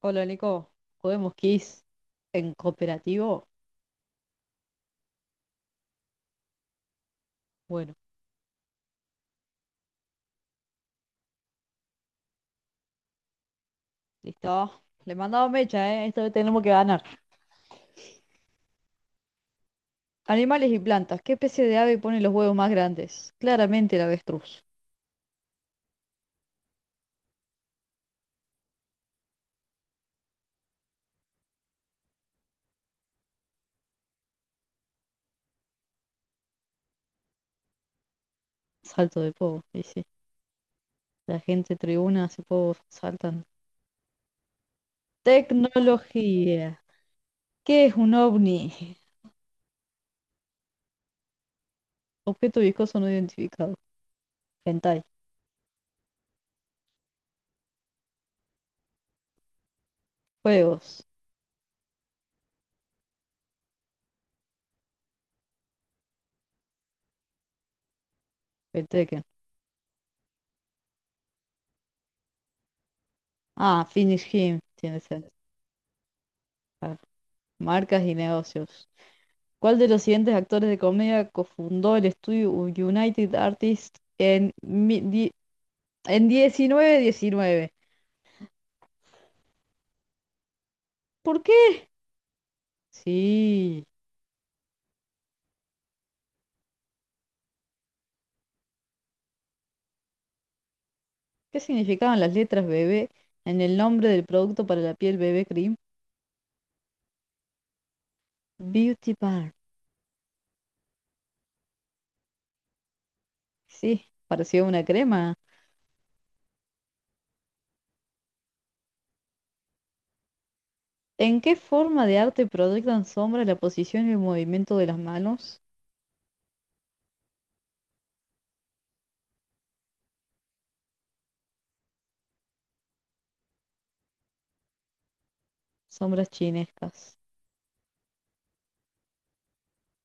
Hola Nico, ¿podemos Kiss en cooperativo? Bueno, listo. Le mandaba mecha, ¿eh? Esta vez tenemos que ganar. Animales y plantas. ¿Qué especie de ave pone los huevos más grandes? Claramente el avestruz. Salto de povo, y sí. La gente tribuna hace povo, saltan. Tecnología. ¿Qué es un ovni? Objeto viscoso no identificado. Hentai. Juegos. El Tekken. Ah, Finish Him. Tiene sentido. Ah, marcas y negocios. ¿Cuál de los siguientes actores de comedia cofundó el estudio United Artists en 1919? ¿Por qué? Sí. ¿Qué significaban las letras bebé en el nombre del producto para la piel bebé cream? Beauty Bar. Sí, parecía una crema. ¿En qué forma de arte proyectan sombras la posición y el movimiento de las manos? Sombras chinescas.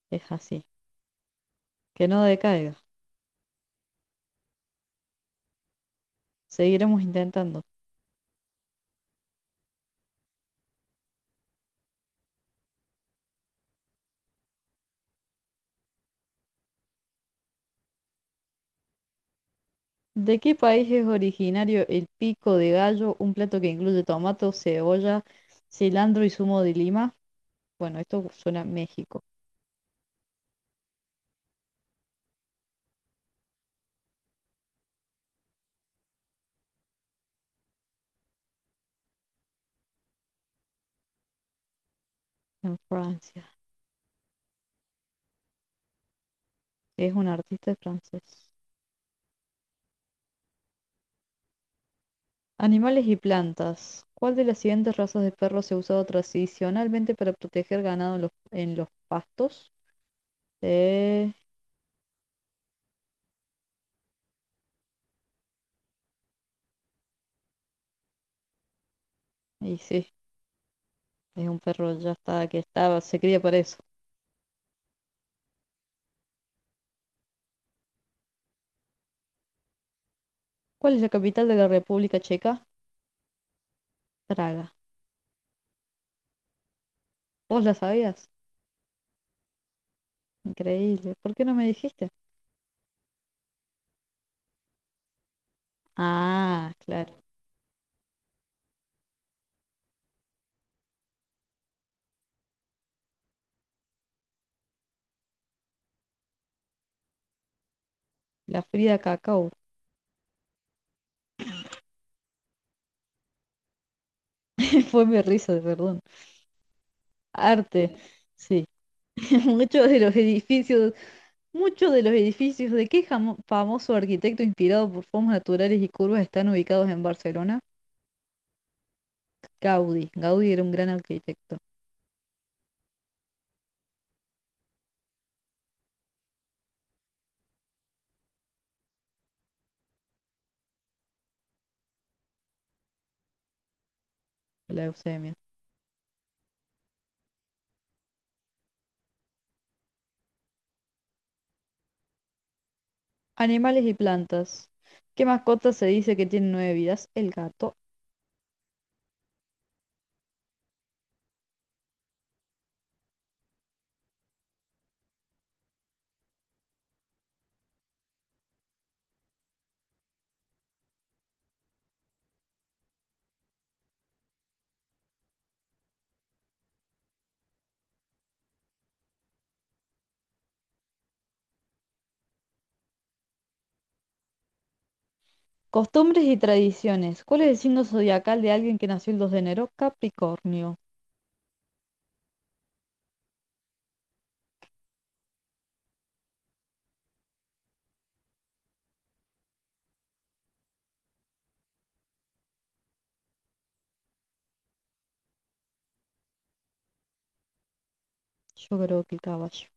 Es así. Que no decaiga. Seguiremos intentando. ¿De qué país es originario el pico de gallo, un plato que incluye tomato, cebolla, cilantro y zumo de lima? Bueno, esto suena a México, en Francia. Es un artista francés. Animales y plantas. ¿Cuál de las siguientes razas de perros se ha usado tradicionalmente para proteger ganado en los pastos? Eh, y sí, es un perro ya está que estaba, se cría para eso. ¿Cuál es la capital de la República Checa? Praga. ¿Vos la sabías? Increíble. ¿Por qué no me dijiste? Ah, claro. La Frida Cacao. Fue mi risa, perdón. Arte. Sí. Muchos de los edificios, ¿Muchos de los edificios de qué famoso arquitecto inspirado por formas naturales y curvas están ubicados en Barcelona? Gaudí. Gaudí era un gran arquitecto de la Eusebia. Animales y plantas. ¿Qué mascota se dice que tiene nueve vidas? El gato. Costumbres y tradiciones. ¿Cuál es el signo zodiacal de alguien que nació el 2 de enero? Capricornio. Yo creo que el caballo.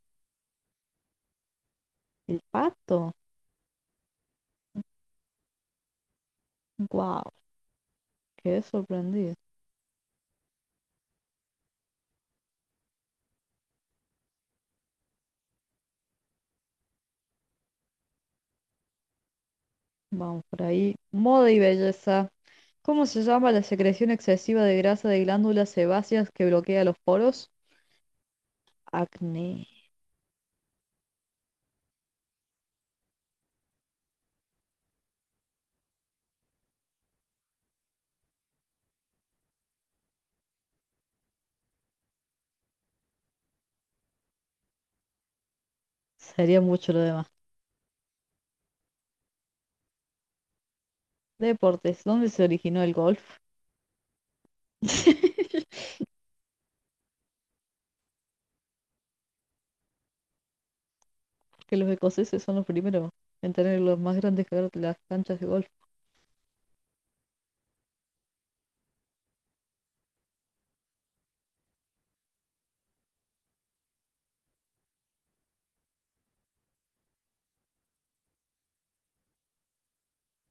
El pato. Wow, quedé sorprendido. Vamos por ahí. Moda y belleza. ¿Cómo se llama la secreción excesiva de grasa de glándulas sebáceas que bloquea los poros? Acné. Sería mucho lo demás. Deportes. ¿Dónde se originó el golf? Que los escoceses son los primeros en tener los más grandes que las canchas de golf.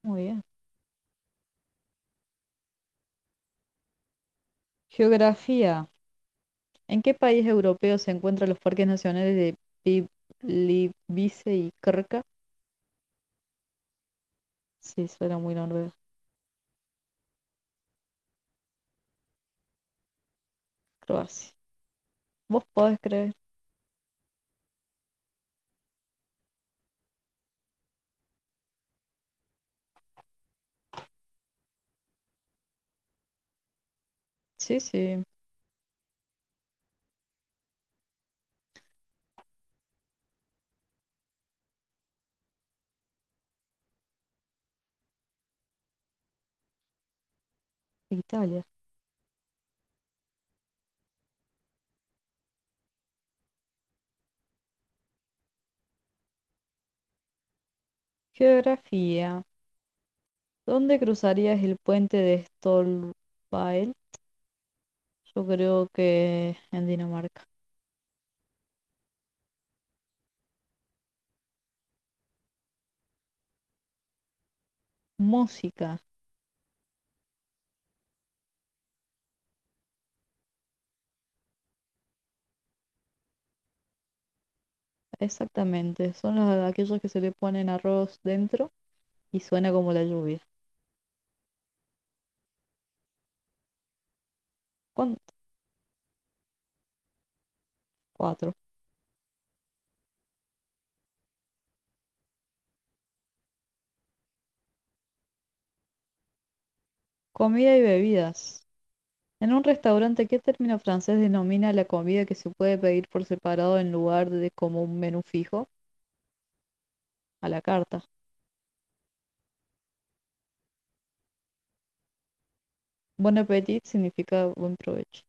Muy bien. Geografía. ¿En qué país europeo se encuentran los parques nacionales de Pi- Plitvice y Krka? Sí, suena muy noruego. Croacia. ¿Vos podés creer? Sí, sí, Italia. Geografía. ¿Dónde cruzarías el puente de Stolpael? Yo creo que en Dinamarca. Música, exactamente. Son aquellos que se le ponen arroz dentro y suena como la lluvia. ¿Cuán- Cuatro. Comida y bebidas. En un restaurante, ¿qué término francés denomina la comida que se puede pedir por separado en lugar de como un menú fijo? A la carta. Bon appetit significa buen provecho.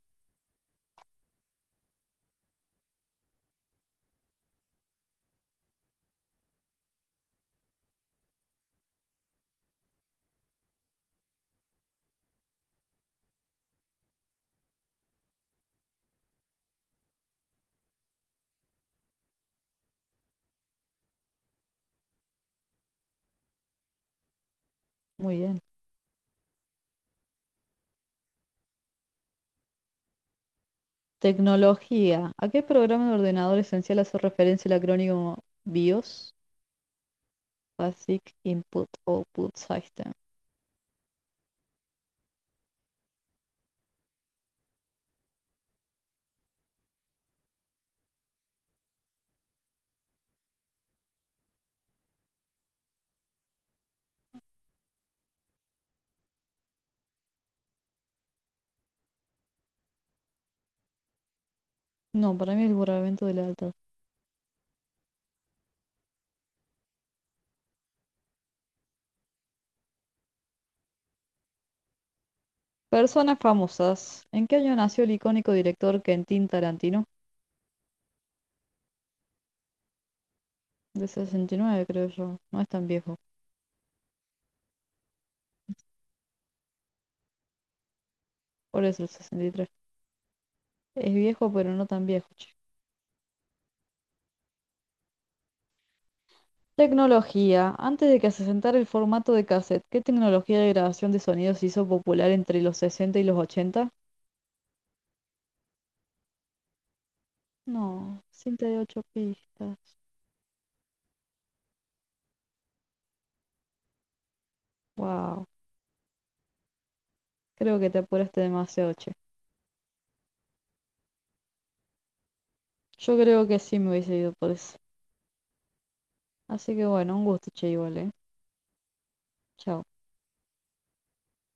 Muy bien. Tecnología. ¿A qué programa de ordenador esencial hace referencia el acrónimo BIOS? Basic Input Output System. No, para mí es el borramiento de la alta. Personas famosas. ¿En qué año nació el icónico director Quentin Tarantino? De 69, creo yo. No es tan viejo. ¿Por eso el 63? Es viejo, pero no tan viejo, che. Tecnología. Antes de que se asentara el formato de cassette, ¿qué tecnología de grabación de sonidos se hizo popular entre los 60 y los 80? No, cinta de 8 pistas. Wow, creo que te apuraste demasiado, che. Yo creo que sí me hubiese ido por eso. Así que bueno, un gusto, che, igual, ¿eh? Chao.